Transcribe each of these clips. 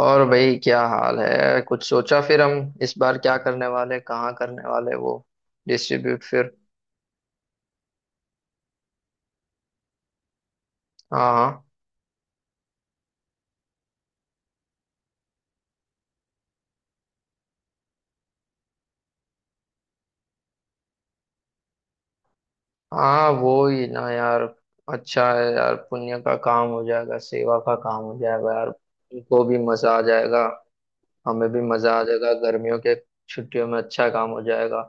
और भाई क्या हाल है? कुछ सोचा फिर हम इस बार क्या करने वाले, कहाँ करने वाले, वो डिस्ट्रीब्यूट फिर? हाँ हाँ। हाँ वो ही ना यार। अच्छा है यार, पुण्य का काम हो जाएगा, सेवा का काम हो जाएगा यार, उनको भी मजा आ जाएगा। हमें भी मजा आ जाएगा गर्मियों के छुट्टियों में, अच्छा काम हो जाएगा।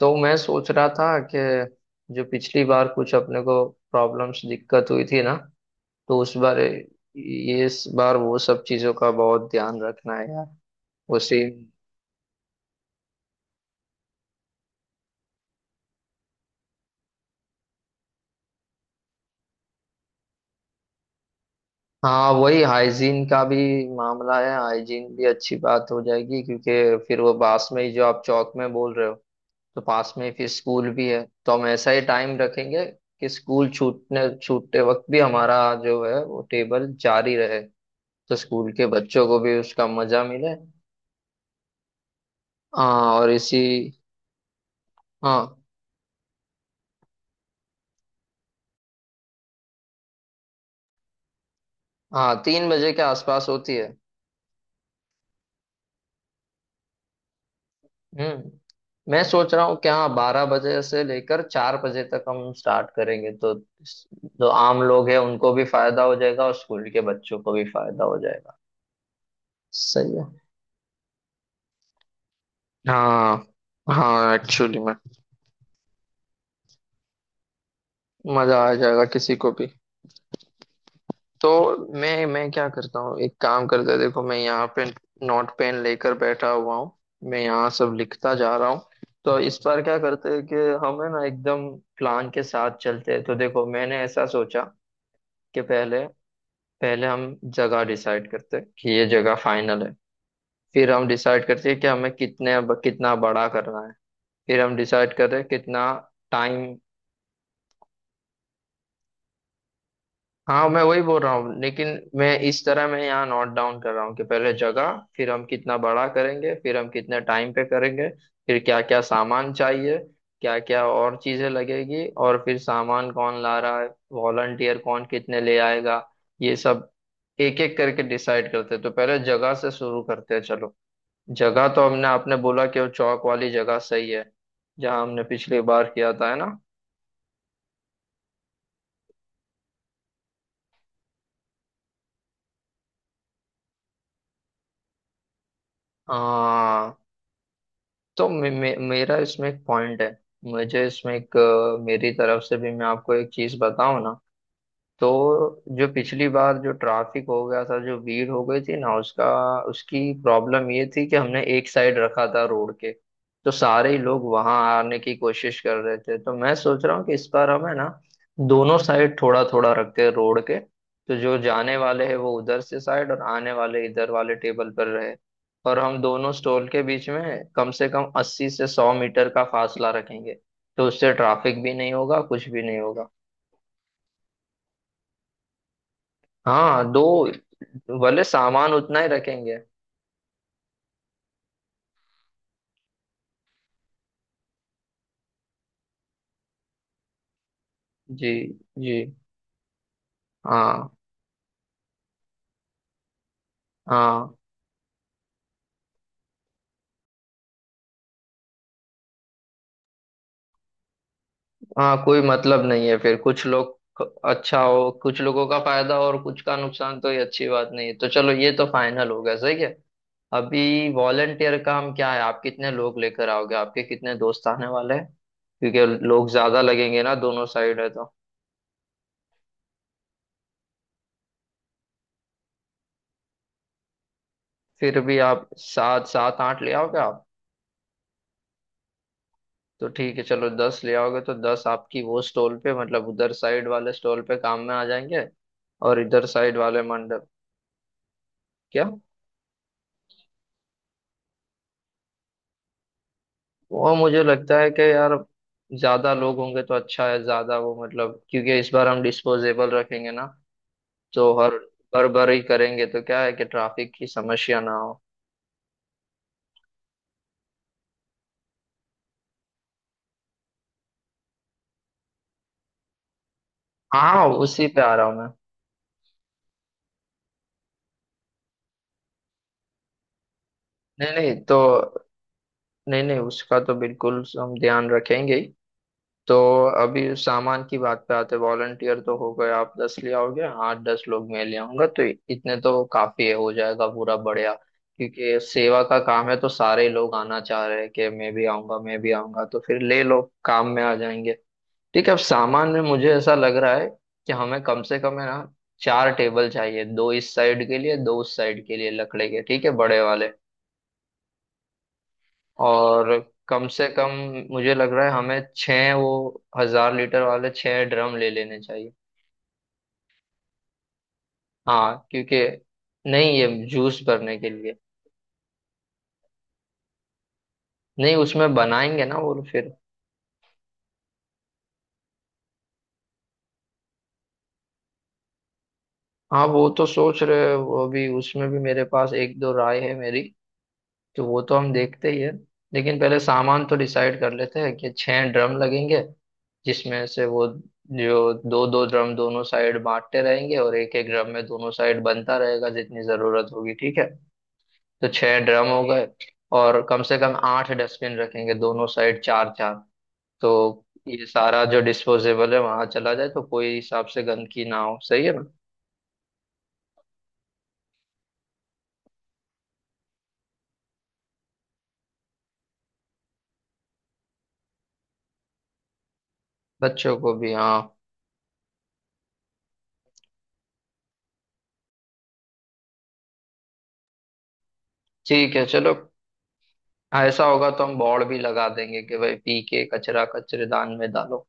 तो मैं सोच रहा था कि जो पिछली बार कुछ अपने को प्रॉब्लम्स दिक्कत हुई थी ना, तो उस बार ये इस बार वो सब चीजों का बहुत ध्यान रखना है यार। उसी। हाँ वही हाइजीन का भी मामला है, हाइजीन भी अच्छी बात हो जाएगी, क्योंकि फिर वो पास में ही जो आप चौक में बोल रहे हो, तो पास में ही फिर स्कूल भी है, तो हम ऐसा ही टाइम रखेंगे कि स्कूल छूटने छूटते वक्त भी हमारा जो है वो टेबल जारी रहे, तो स्कूल के बच्चों को भी उसका मजा मिले। हाँ और इसी। हाँ हाँ, 3 बजे के आसपास होती है। हम्म। मैं सोच रहा हूँ कि हाँ, 12 बजे से लेकर 4 बजे तक हम स्टार्ट करेंगे, तो जो आम लोग हैं उनको भी फायदा हो जाएगा और स्कूल के बच्चों को भी फायदा हो जाएगा। सही है। हाँ हाँ, एक्चुअली में मजा आ जाएगा किसी को भी। तो मैं क्या करता हूँ, एक काम करते हैं, देखो मैं यहाँ पे नोट पेन लेकर बैठा हुआ हूँ, मैं यहाँ सब लिखता जा रहा हूँ। तो इस बार क्या करते हैं कि हम है ना, एकदम प्लान के साथ चलते हैं। तो देखो मैंने ऐसा सोचा कि पहले पहले हम जगह डिसाइड करते हैं कि ये जगह फाइनल है, फिर हम डिसाइड करते हैं कि हमें कितने, कितना बड़ा करना है, फिर हम डिसाइड करते हैं कितना टाइम। हाँ मैं वही बोल रहा हूँ, लेकिन मैं इस तरह मैं यहाँ नोट डाउन कर रहा हूँ कि पहले जगह, फिर हम कितना बड़ा करेंगे, फिर हम कितने टाइम पे करेंगे, फिर क्या क्या सामान चाहिए, क्या क्या और चीजें लगेगी, और फिर सामान कौन ला रहा है, वॉलंटियर कौन कितने ले आएगा, ये सब एक एक करके डिसाइड करते हैं। तो पहले जगह से शुरू करते हैं, चलो। जगह तो हमने आपने बोला कि वो चौक वाली जगह सही है, जहाँ हमने पिछली बार किया था, है ना? हाँ। तो मे, मे, मेरा इसमें एक पॉइंट है, मुझे इसमें एक मेरी तरफ से भी मैं आपको एक चीज बताऊं ना। तो जो पिछली बार जो ट्रैफिक हो गया था, जो भीड़ हो गई थी ना, उसका, उसकी प्रॉब्लम ये थी कि हमने एक साइड रखा था रोड के, तो सारे ही लोग वहां आने की कोशिश कर रहे थे। तो मैं सोच रहा हूँ कि इस बार हमें ना दोनों साइड थोड़ा थोड़ा रखते हैं रोड के, तो जो जाने वाले हैं वो उधर से साइड और आने वाले इधर वाले टेबल पर रहे, और हम दोनों स्टॉल के बीच में कम से कम 80 से 100 मीटर का फासला रखेंगे, तो उससे ट्रैफिक भी नहीं होगा, कुछ भी नहीं होगा। हाँ, दो। भले सामान उतना ही रखेंगे। जी। जी। हाँ हाँ हाँ कोई मतलब नहीं है फिर, कुछ लोग अच्छा हो, कुछ लोगों का फायदा हो और कुछ का नुकसान, तो ये अच्छी बात नहीं है। तो चलो, ये तो फाइनल हो गया सही है। अभी वॉलेंटियर का हम क्या है, आप कितने लोग लेकर आओगे, आपके कितने दोस्त आने वाले हैं? क्योंकि लोग ज्यादा लगेंगे ना, दोनों साइड है तो। फिर भी आप 7, 7, 8 ले आओगे आप? तो ठीक है चलो, 10 ले आओगे तो 10 आपकी वो स्टॉल पे मतलब उधर साइड वाले स्टॉल पे काम में आ जाएंगे, और इधर साइड वाले मंडप। क्या? वो मुझे लगता है कि यार ज्यादा लोग होंगे तो अच्छा है, ज्यादा वो मतलब, क्योंकि इस बार हम डिस्पोजेबल रखेंगे ना, तो हर बार बार ही करेंगे, तो क्या है कि ट्रैफिक की समस्या ना हो। हाँ उसी पे आ रहा हूँ मैं। नहीं नहीं तो, नहीं नहीं, उसका तो बिल्कुल हम ध्यान रखेंगे ही। तो अभी सामान की बात पे आते, वॉलंटियर तो हो गए, आप 10 ले आओगे, 8, 10 लोग मैं ले आऊंगा, तो इतने तो काफी है, हो जाएगा पूरा, बढ़िया। क्योंकि सेवा का काम है तो सारे लोग आना चाह रहे हैं कि मैं भी आऊंगा, मैं भी आऊंगा, तो फिर ले लो, काम में आ जाएंगे। ठीक है, अब सामान में मुझे ऐसा लग रहा है कि हमें कम से कम है ना, 4 टेबल चाहिए, दो इस साइड के लिए दो उस साइड के लिए, लकड़े के ठीक है, बड़े वाले। और कम से कम मुझे लग रहा है हमें छः, वो 1000 लीटर वाले 6 ड्रम ले लेने चाहिए। हाँ क्योंकि, नहीं ये जूस भरने के लिए, नहीं उसमें बनाएंगे ना वो फिर। हाँ वो तो सोच रहे हैं, वो भी उसमें भी मेरे पास एक दो राय है मेरी, तो वो तो हम देखते ही है, लेकिन पहले सामान तो डिसाइड कर लेते हैं कि 6 ड्रम लगेंगे, जिसमें से वो जो दो दो ड्रम दोनों साइड बांटते रहेंगे, और एक एक ड्रम में दोनों साइड बनता रहेगा जितनी जरूरत होगी, ठीक है? तो 6 ड्रम हो गए। और कम से कम 8 डस्टबिन रखेंगे, दोनों साइड चार चार। तो ये सारा जो डिस्पोजेबल है वहां चला जाए, तो कोई हिसाब से गंदगी ना हो, सही है ना? बच्चों को भी हाँ। ठीक है चलो, ऐसा होगा तो हम बोर्ड भी लगा देंगे कि भाई पी के कचरा कचरेदान में डालो।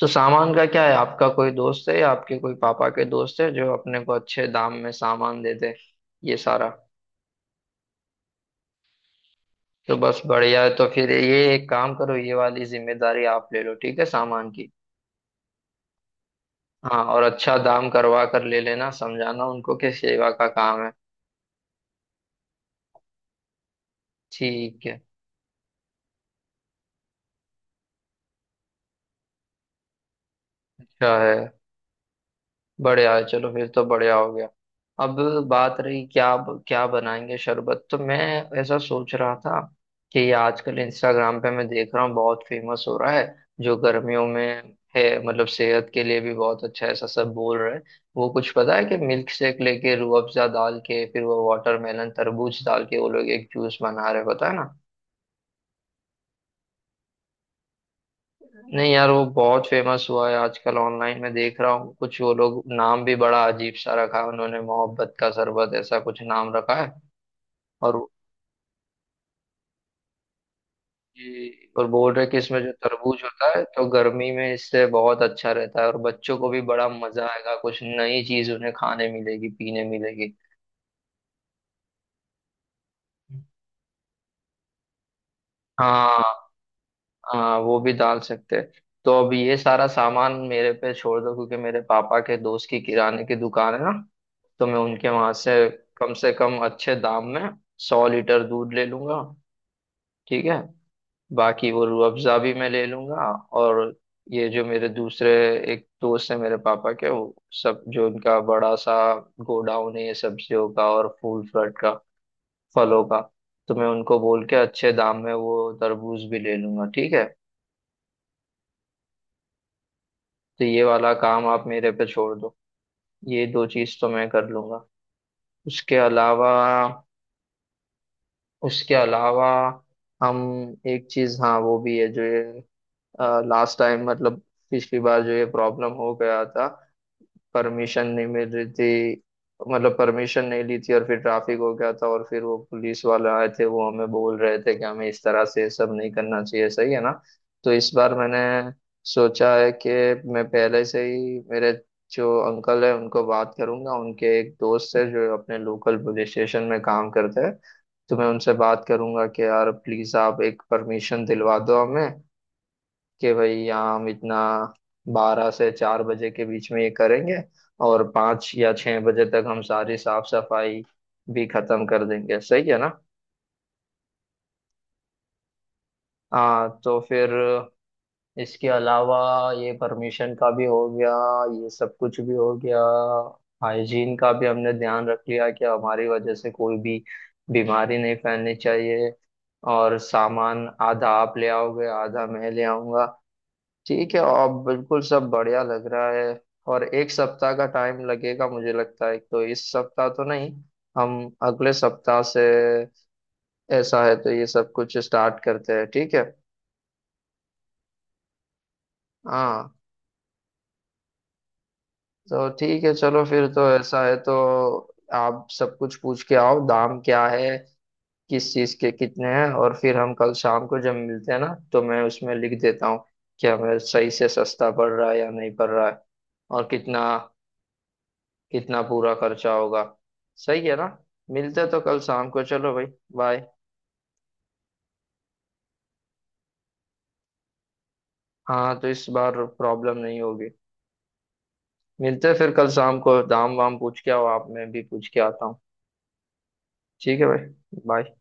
तो सामान का क्या है, आपका कोई दोस्त है या आपके कोई पापा के दोस्त है जो अपने को अच्छे दाम में सामान दे दे ये सारा? तो बस बढ़िया है, तो फिर ये एक काम करो, ये वाली जिम्मेदारी आप ले लो ठीक है, सामान की। हाँ और अच्छा दाम करवा कर ले लेना, समझाना उनको कि सेवा का काम है। ठीक है, अच्छा है, बढ़िया है, चलो फिर तो बढ़िया हो गया। अब बात रही क्या क्या बनाएंगे शरबत, तो मैं ऐसा सोच रहा था कि ये आजकल इंस्टाग्राम पे मैं देख रहा हूँ बहुत फेमस हो रहा है, जो गर्मियों में है मतलब सेहत के लिए भी बहुत अच्छा है, ऐसा सब बोल रहे हैं। वो कुछ पता है कि मिल्क शेक लेके रूह अफ़ज़ा डाल के फिर वो वाटरमेलन तरबूज डाल के वो लोग एक जूस बना रहे हैं, पता है ना? नहीं यार, वो बहुत फेमस हुआ है आजकल, ऑनलाइन में देख रहा हूँ कुछ वो लोग, नाम भी बड़ा अजीब सा रखा है उन्होंने, मोहब्बत का शरबत ऐसा कुछ नाम रखा है। और और बोल रहे कि इसमें जो तरबूज होता है तो गर्मी में इससे बहुत अच्छा रहता है, और बच्चों को भी बड़ा मजा आएगा, कुछ नई चीज उन्हें खाने मिलेगी, पीने मिलेगी। हाँ। हाँ वो भी डाल सकते हैं। तो अब ये सारा सामान मेरे पे छोड़ दो, क्योंकि मेरे पापा के दोस्त की किराने की दुकान है ना, तो मैं उनके वहां से कम अच्छे दाम में 100 लीटर दूध ले लूंगा, ठीक है? बाकी वो रूह अफ़ज़ा भी मैं ले लूंगा। और ये जो मेरे दूसरे एक दोस्त है मेरे पापा के, वो सब जो उनका बड़ा सा गोडाउन है ये सब्जियों का और फूल फ्रूट का, फलों का, तो मैं उनको बोल के अच्छे दाम में वो तरबूज भी ले लूंगा, ठीक है? तो ये वाला काम आप मेरे पे छोड़ दो, ये दो चीज तो मैं कर लूंगा। उसके अलावा उसके अलावा हम एक चीज, हाँ वो भी है जो ये लास्ट टाइम मतलब पिछली बार जो ये प्रॉब्लम हो गया था, परमिशन नहीं मिल रही थी, मतलब परमिशन नहीं ली थी, और फिर ट्रैफिक हो गया था और फिर वो पुलिस वाले आए थे वो हमें बोल रहे थे कि हमें इस तरह से ये सब नहीं करना चाहिए, सही है ना? तो इस बार मैंने सोचा है कि मैं पहले से ही मेरे जो अंकल है उनको बात करूंगा, उनके एक दोस्त है जो अपने लोकल पुलिस स्टेशन में काम करते हैं, तो मैं उनसे बात करूंगा कि यार प्लीज आप एक परमिशन दिलवा दो हमें कि भाई यहाँ हम इतना, 12 से 4 बजे के बीच में ये करेंगे, और 5 या 6 बजे तक हम सारी साफ सफाई भी खत्म कर देंगे, सही है ना? हाँ तो फिर इसके अलावा ये परमिशन का भी हो गया, ये सब कुछ भी हो गया, हाइजीन का भी हमने ध्यान रख लिया कि हमारी वजह से कोई भी बीमारी नहीं फैलनी चाहिए, और सामान आधा आप ले आओगे आधा मैं ले आऊंगा। ठीक है, अब बिल्कुल सब बढ़िया लग रहा है। और एक सप्ताह का टाइम लगेगा मुझे लगता है, तो इस सप्ताह तो नहीं, हम अगले सप्ताह से ऐसा है तो ये सब कुछ स्टार्ट करते हैं, ठीक है? हाँ तो ठीक है चलो, फिर तो ऐसा है तो आप सब कुछ पूछ के आओ दाम क्या है, किस चीज के कितने हैं, और फिर हम कल शाम को जब मिलते हैं ना, तो मैं उसमें लिख देता हूँ कि हमें सही से सस्ता पड़ रहा है या नहीं पड़ रहा है, और कितना, कितना पूरा खर्चा होगा, सही है ना? मिलते तो कल शाम को, चलो भाई, बाय। हाँ तो इस बार प्रॉब्लम नहीं होगी। मिलते फिर कल शाम को, दाम वाम पूछ के आओ आप, मैं भी पूछ के आता हूँ। ठीक है भाई, बाय।